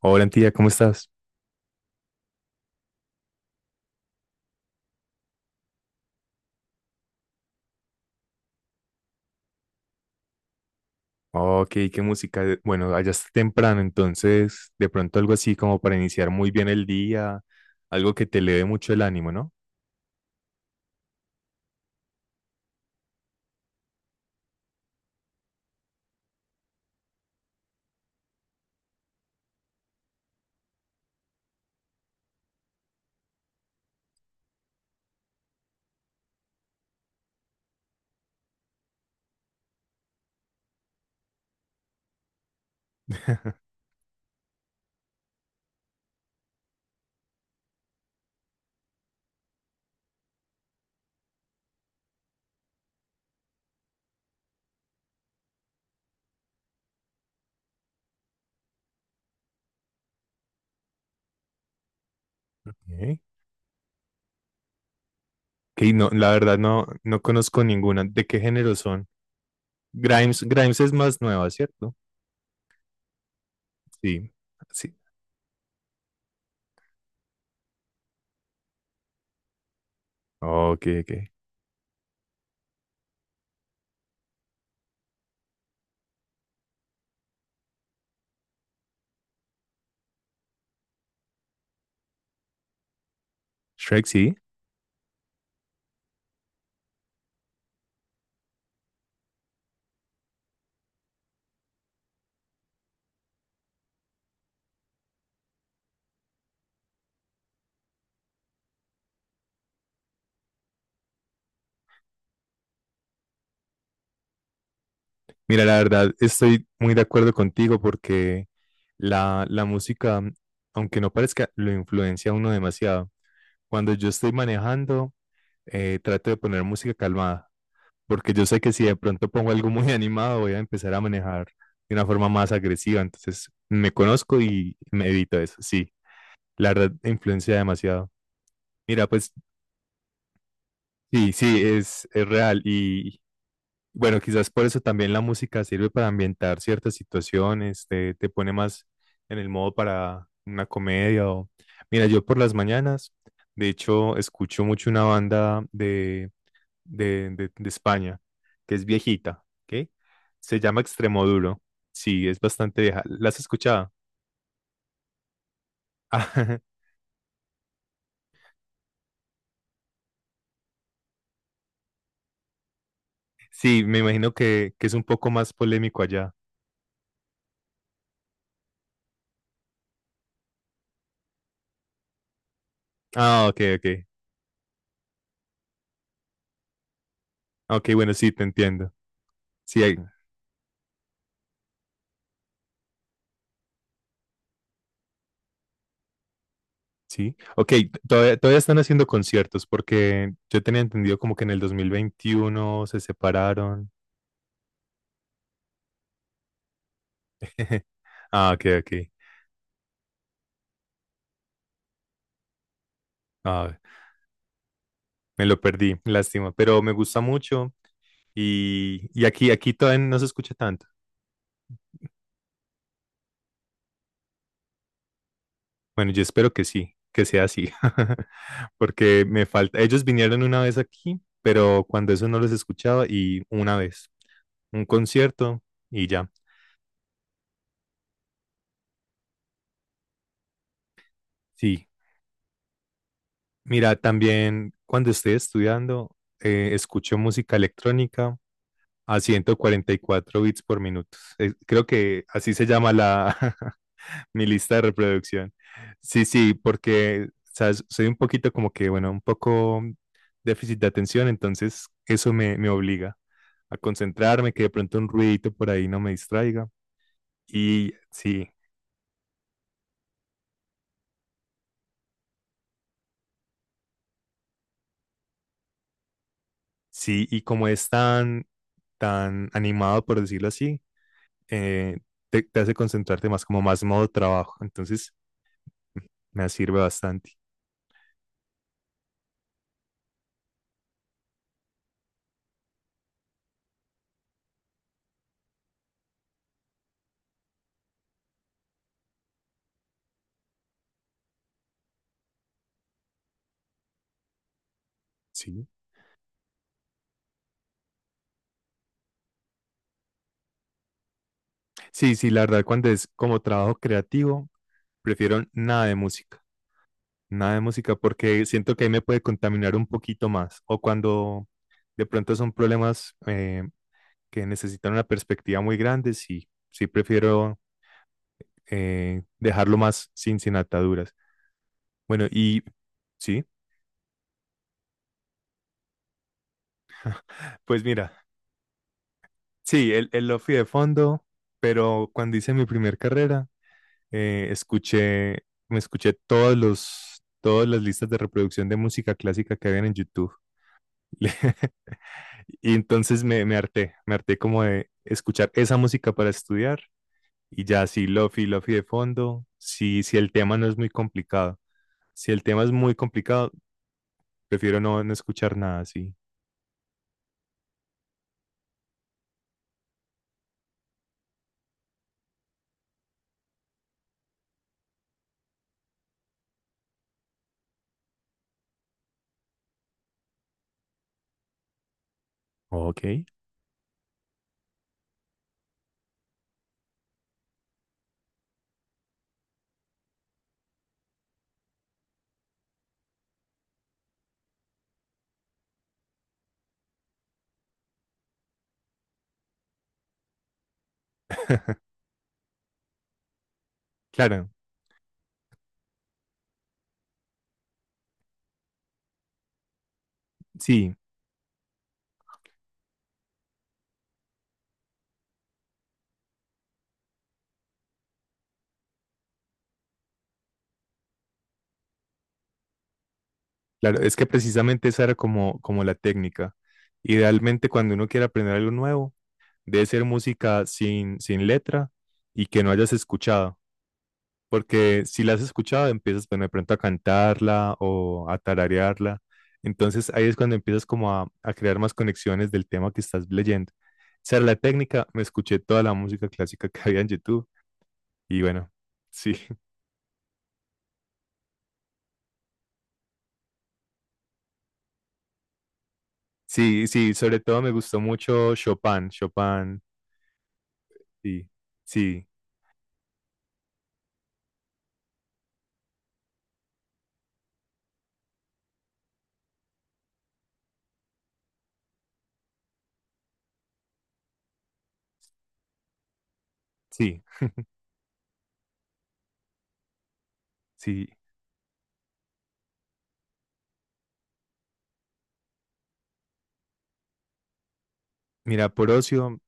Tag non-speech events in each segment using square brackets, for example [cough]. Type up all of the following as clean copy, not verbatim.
Hola, tía, ¿cómo estás? Oh, Ok, qué música. Bueno, allá está temprano, entonces de pronto algo así como para iniciar muy bien el día, algo que te eleve mucho el ánimo, ¿no? [laughs] Ok, que no, la verdad no, no conozco ninguna. ¿De qué género son? Grimes, Grimes es más nueva, ¿cierto? Sí, sí. Oh, Ok, ok. Shrek, sí. Mira, la verdad estoy muy de acuerdo contigo porque la música, aunque no parezca, lo influencia a uno demasiado. Cuando yo estoy manejando trato de poner música calmada, porque yo sé que si de pronto pongo algo muy [laughs] animado voy a empezar a manejar de una forma más agresiva, entonces me conozco y me evito eso, sí, la verdad influencia demasiado. Mira, pues sí, sí, es real y bueno, quizás por eso también la música sirve para ambientar ciertas situaciones, te pone más en el modo para una comedia o... Mira, yo por las mañanas, de hecho, escucho mucho una banda de de España, que es viejita, ¿ok? Se llama Extremoduro. Sí, es bastante vieja. ¿La has escuchado? [laughs] Sí, me imagino que es un poco más polémico allá. Ah, ok, ok. Ok, bueno, sí, te entiendo. Sí, hay- sí. Ok, todavía, todavía están haciendo conciertos porque yo tenía entendido como que en el 2021 se separaron. [laughs] Ah, ok, ok. Ah, me lo perdí, lástima, pero me gusta mucho y aquí, aquí todavía no se escucha tanto. Bueno, yo espero que sí, que sea así, [laughs] porque me falta, ellos vinieron una vez aquí, pero cuando eso no los escuchaba y una vez, un concierto y ya. Sí, mira, también cuando estoy estudiando, escucho música electrónica a 144 bits por minuto. Creo que así se llama la [laughs] mi lista de reproducción. Sí, sí, porque ¿sabes? Soy un poquito como que, bueno, un poco déficit de atención, entonces me obliga a concentrarme, que de pronto un ruidito por ahí no me distraiga. Y sí, sí, y como es tan, tan animado, por decirlo así, eh, te hace concentrarte más, como más modo trabajo. Entonces, me sirve bastante. Sí. Sí, sí, la verdad, cuando es como trabajo creativo, prefiero nada de música, nada de música, porque siento que ahí me puede contaminar un poquito más. O cuando de pronto son problemas que necesitan una perspectiva muy grande, sí, sí prefiero dejarlo más sin, sin ataduras. Bueno, y sí, pues mira, sí, el lofi de fondo, pero cuando hice mi primer carrera, eh, escuché, me escuché todas las listas de reproducción de música clásica que habían en YouTube. Le- [laughs] Y entonces me harté como de escuchar esa música para estudiar y ya si lofi, lofi de fondo, si, si el tema no es muy complicado. Si el tema es muy complicado, prefiero no, no escuchar nada así. Ok. [laughs] Claro, sí, claro, es que precisamente esa era como, como la técnica. Idealmente, cuando uno quiere aprender algo nuevo, debe ser música sin, sin letra y que no hayas escuchado, porque si la has escuchado empiezas bueno, de pronto a cantarla o a tararearla. Entonces ahí es cuando empiezas como a crear más conexiones del tema que estás leyendo. Esa era la técnica, me escuché toda la música clásica que había en YouTube y bueno, sí, [laughs] sí, sí, sobre todo me gustó mucho Chopin, Chopin, sí, sí, sí, sí. Mira, por ocio,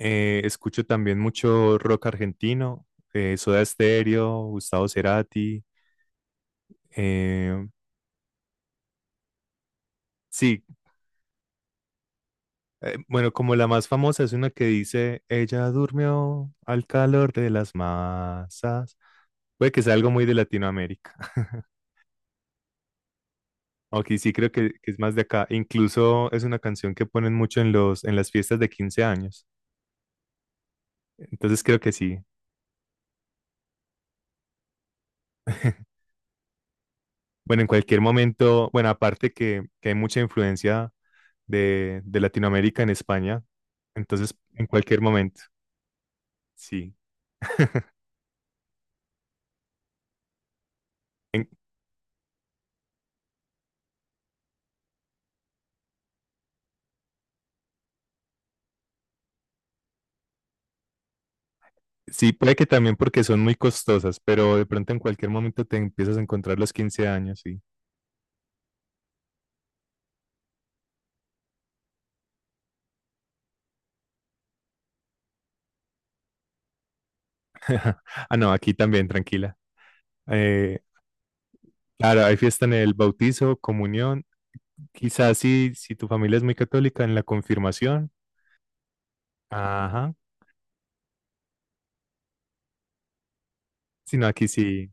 Escucho también mucho rock argentino, Soda Stereo, Gustavo Cerati. eh, sí, bueno, como la más famosa es una que dice, ella durmió al calor de las masas. Puede que sea algo muy de Latinoamérica. [laughs] Aunque sí creo que es más de acá. Incluso es una canción que ponen mucho en en las fiestas de 15 años. Entonces creo que sí. [laughs] Bueno, en cualquier momento, bueno, aparte que hay mucha influencia de Latinoamérica en España, entonces en cualquier momento, sí. En- sí, puede que también porque son muy costosas, pero de pronto en cualquier momento te empiezas a encontrar los 15 años, sí. [laughs] Ah, no, aquí también, tranquila. Eh, claro, hay fiesta en el bautizo, comunión, quizás si, si tu familia es muy católica, en la confirmación. Ajá, sino aquí sí.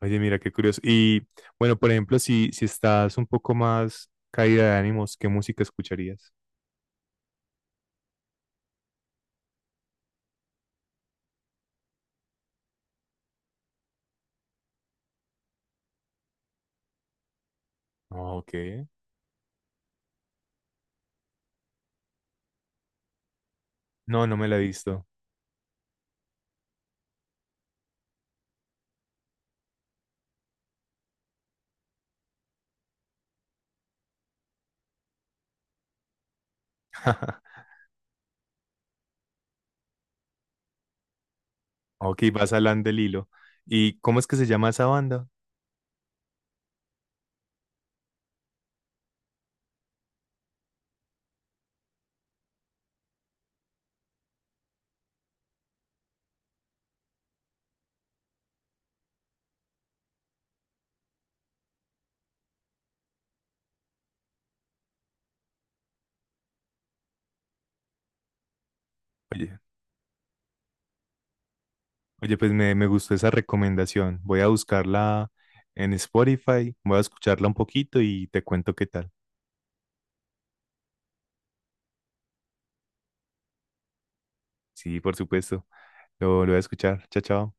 Oye, mira, qué curioso. Y bueno, por ejemplo, si, si estás un poco más caída de ánimos, ¿qué música escucharías? Ok. No, no me la he visto. [laughs] Ok, vas al del hilo. ¿Y cómo es que se llama esa banda? Oye, oye, pues me gustó esa recomendación. Voy a buscarla en Spotify, voy a escucharla un poquito y te cuento qué tal. Sí, por supuesto. Lo voy a escuchar. Chao, chao.